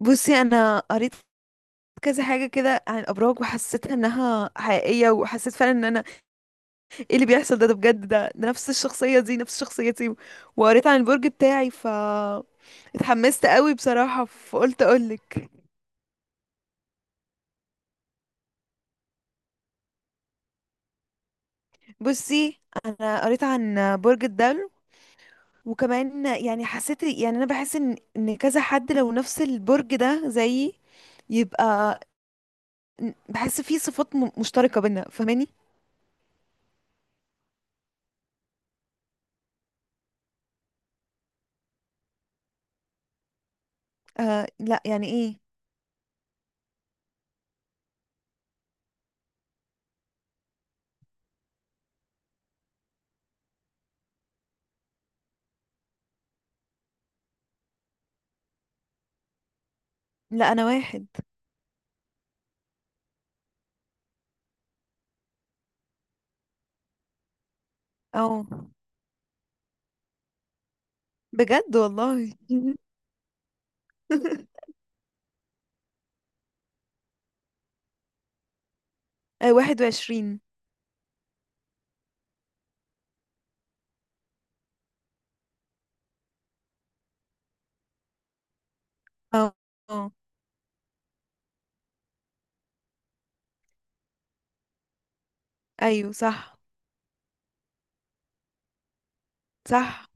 بصي، انا قريت كذا حاجه كده عن الابراج وحسيت انها حقيقيه وحسيت فعلا ان انا ايه اللي بيحصل؟ ده بجد. ده نفس الشخصيه دي نفس شخصيتي. وقريت عن البرج بتاعي ف اتحمست قوي بصراحه فقلت اقولك. بصي انا قريت عن برج الدلو. وكمان يعني حسيت يعني انا بحس ان كذا حد لو نفس البرج ده زيي يبقى بحس فيه صفات مشتركه بينا، فاهماني؟ آه، لا يعني ايه. لا انا واحد. اه بجد والله. آه، واحد وعشرين. اه، آه، ايوه صح. صح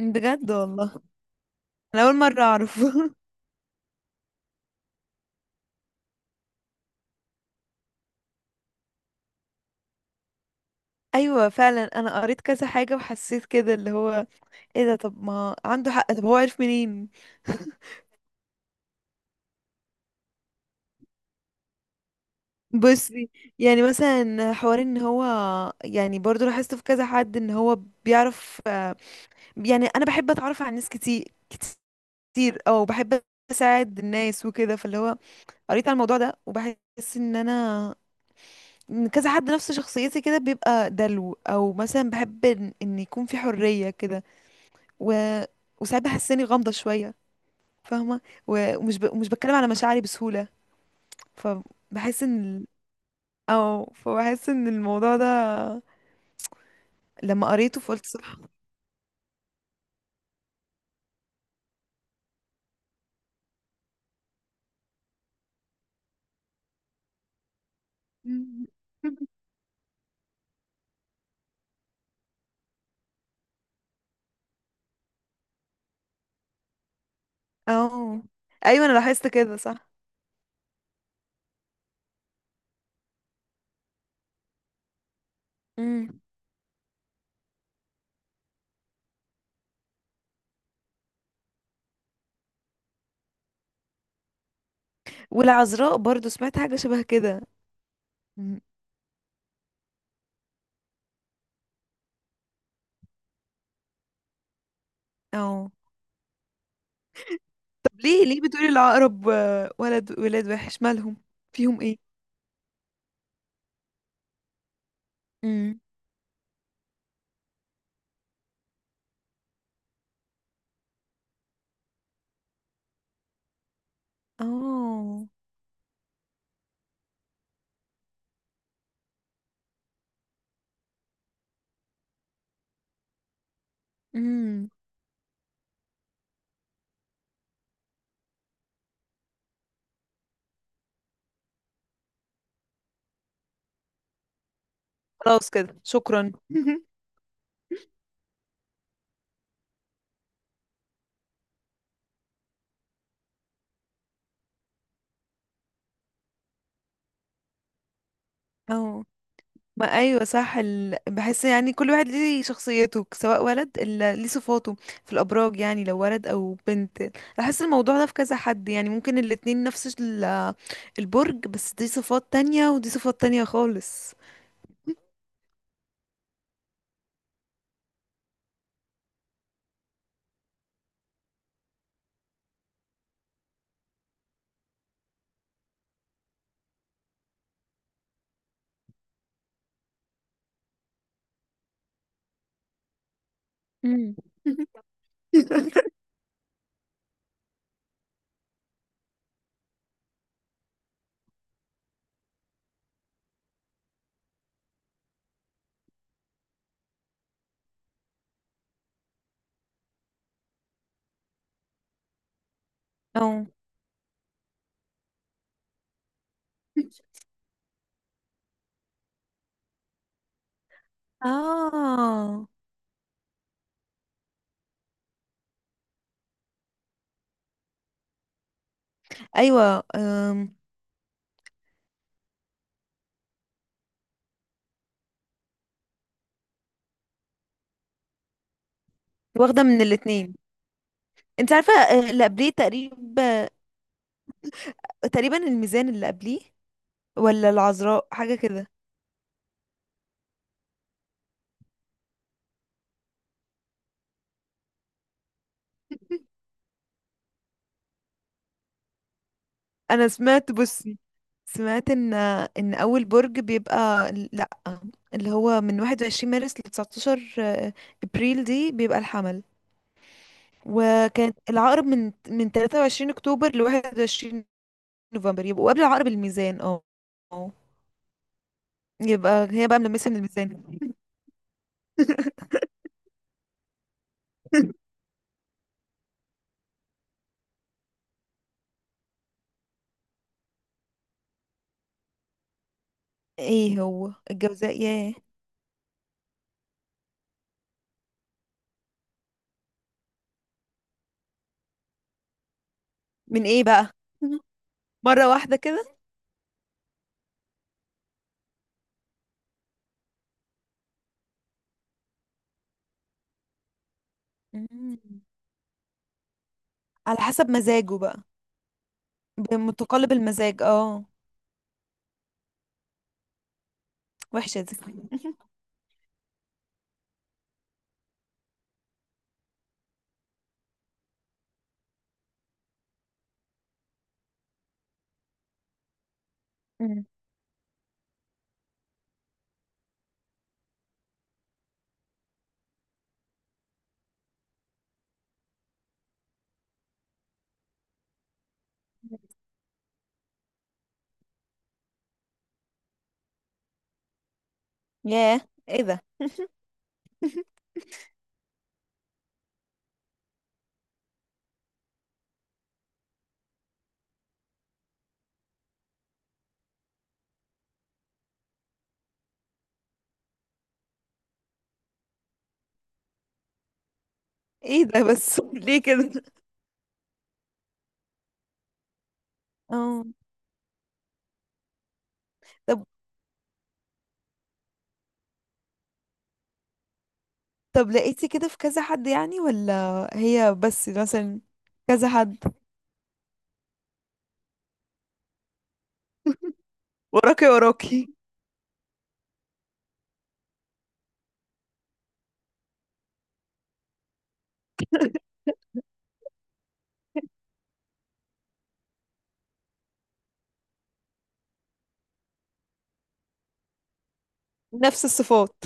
بجد والله. انا اول مرة اعرف. ايوه فعلا انا قريت كذا حاجة وحسيت كده اللي هو ايه ده. طب ما عنده حق، طب هو عارف منين؟ بصي، يعني مثلا حوار ان هو، يعني برضو لاحظت في كذا حد ان هو بيعرف آه،. يعني انا بحب اتعرف على ناس كتير كتير، او بحب اساعد الناس وكده فاللي هو قريت على الموضوع ده وبحس ان انا إن كذا حد نفس شخصيتي كده بيبقى دلو، او مثلا بحب ان إن يكون في حرية كده. و... وساعات بحس اني غامضة شوية، فاهمة. ومش ومش بتكلم على مشاعري بسهولة. فبحس ان او فبحس ان الموضوع ده لما قريته فقلت صح. مم. او ايوه انا لاحظت كده صح. مم. والعذراء برضو سمعت حاجة شبه كده. مم. او طب ليه بتقولي العقرب؟ آه، ولد ولاد وحش مالهم؟ فيهم ايه؟ امم. اه. امم. خلاص كده، شكرا. اه. ما ايوه صح. بحس يعني كل واحد ليه شخصيته، سواء ولد ليه صفاته في الابراج، يعني لو ولد او بنت. بحس الموضوع ده في كذا حد يعني ممكن الاتنين نفس البرج، بس دي صفات تانية ودي صفات تانية خالص. امم. او اه ايوه واخده من الاتنين. انت عارفه آه، اللي قبليه تقريبا. تقريبا الميزان اللي قبليه، ولا العذراء حاجة كده. انا سمعت، بصي، سمعت ان اول برج بيبقى لا اللي هو من 21 مارس ل 19 ابريل دي بيبقى الحمل. وكان العقرب من 23 اكتوبر ل 21 نوفمبر، يبقوا قبل عقرب الميزان اه. يبقى هي بقى ملمسة من الميزان. ايه هو الجوزاء ياه؟ من ايه بقى؟ مرة واحدة كده. مم. على حسب مزاجه بقى. بمتقلب المزاج اه. وحشة دي. مم. ياه ايه ده؟ ايه ده بس؟ ليه كده؟ اه. طب طب لقيتي كده في كذا حد يعني، ولا هي بس مثلا؟ كذا حد وراكي وراكي، نفس الصفات.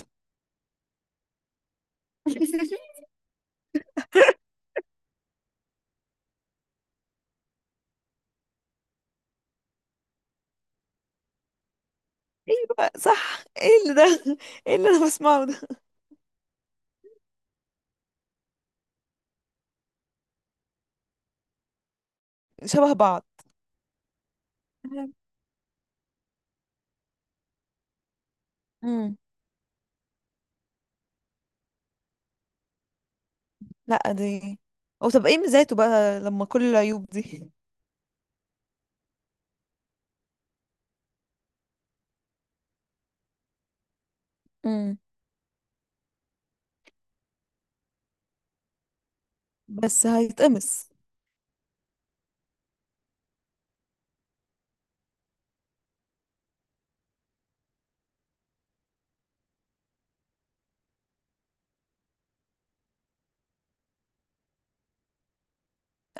ايه بقى صح، ايه اللي ده؟ ايه اللي انا بسمعه ده؟ شبه بعض. امم. لا دي. او طب ايه ميزاته بقى لما كل العيوب دي؟ امم. بس هيتقمص.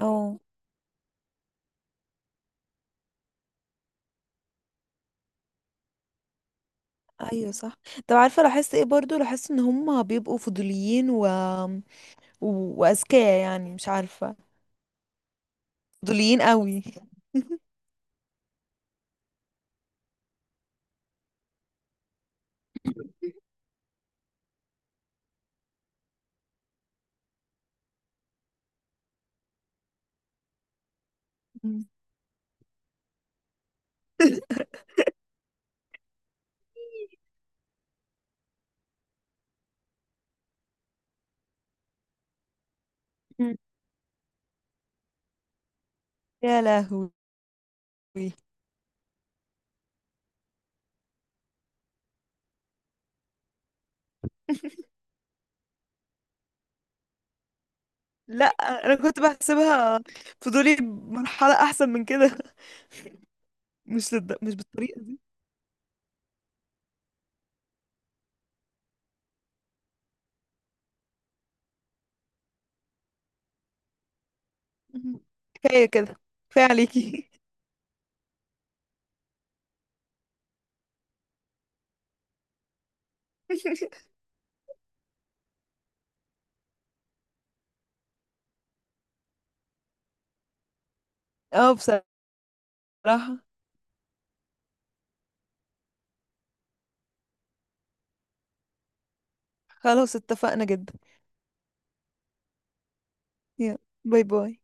اه ايوه صح. طب عارفه لاحظت ايه برضو؟ لاحظت ان هم بيبقوا فضوليين و وأذكياء يعني، مش عارفة. فضوليين قوي. مم. مم. يا لهوي. لا انا كنت بحسبها فضولي مرحلة احسن من كده. مش مش بالطريقة دي. مم. كفاية كده، كفاية عليكي. اه بصراحة خلاص اتفقنا جدا. يلا باي باي.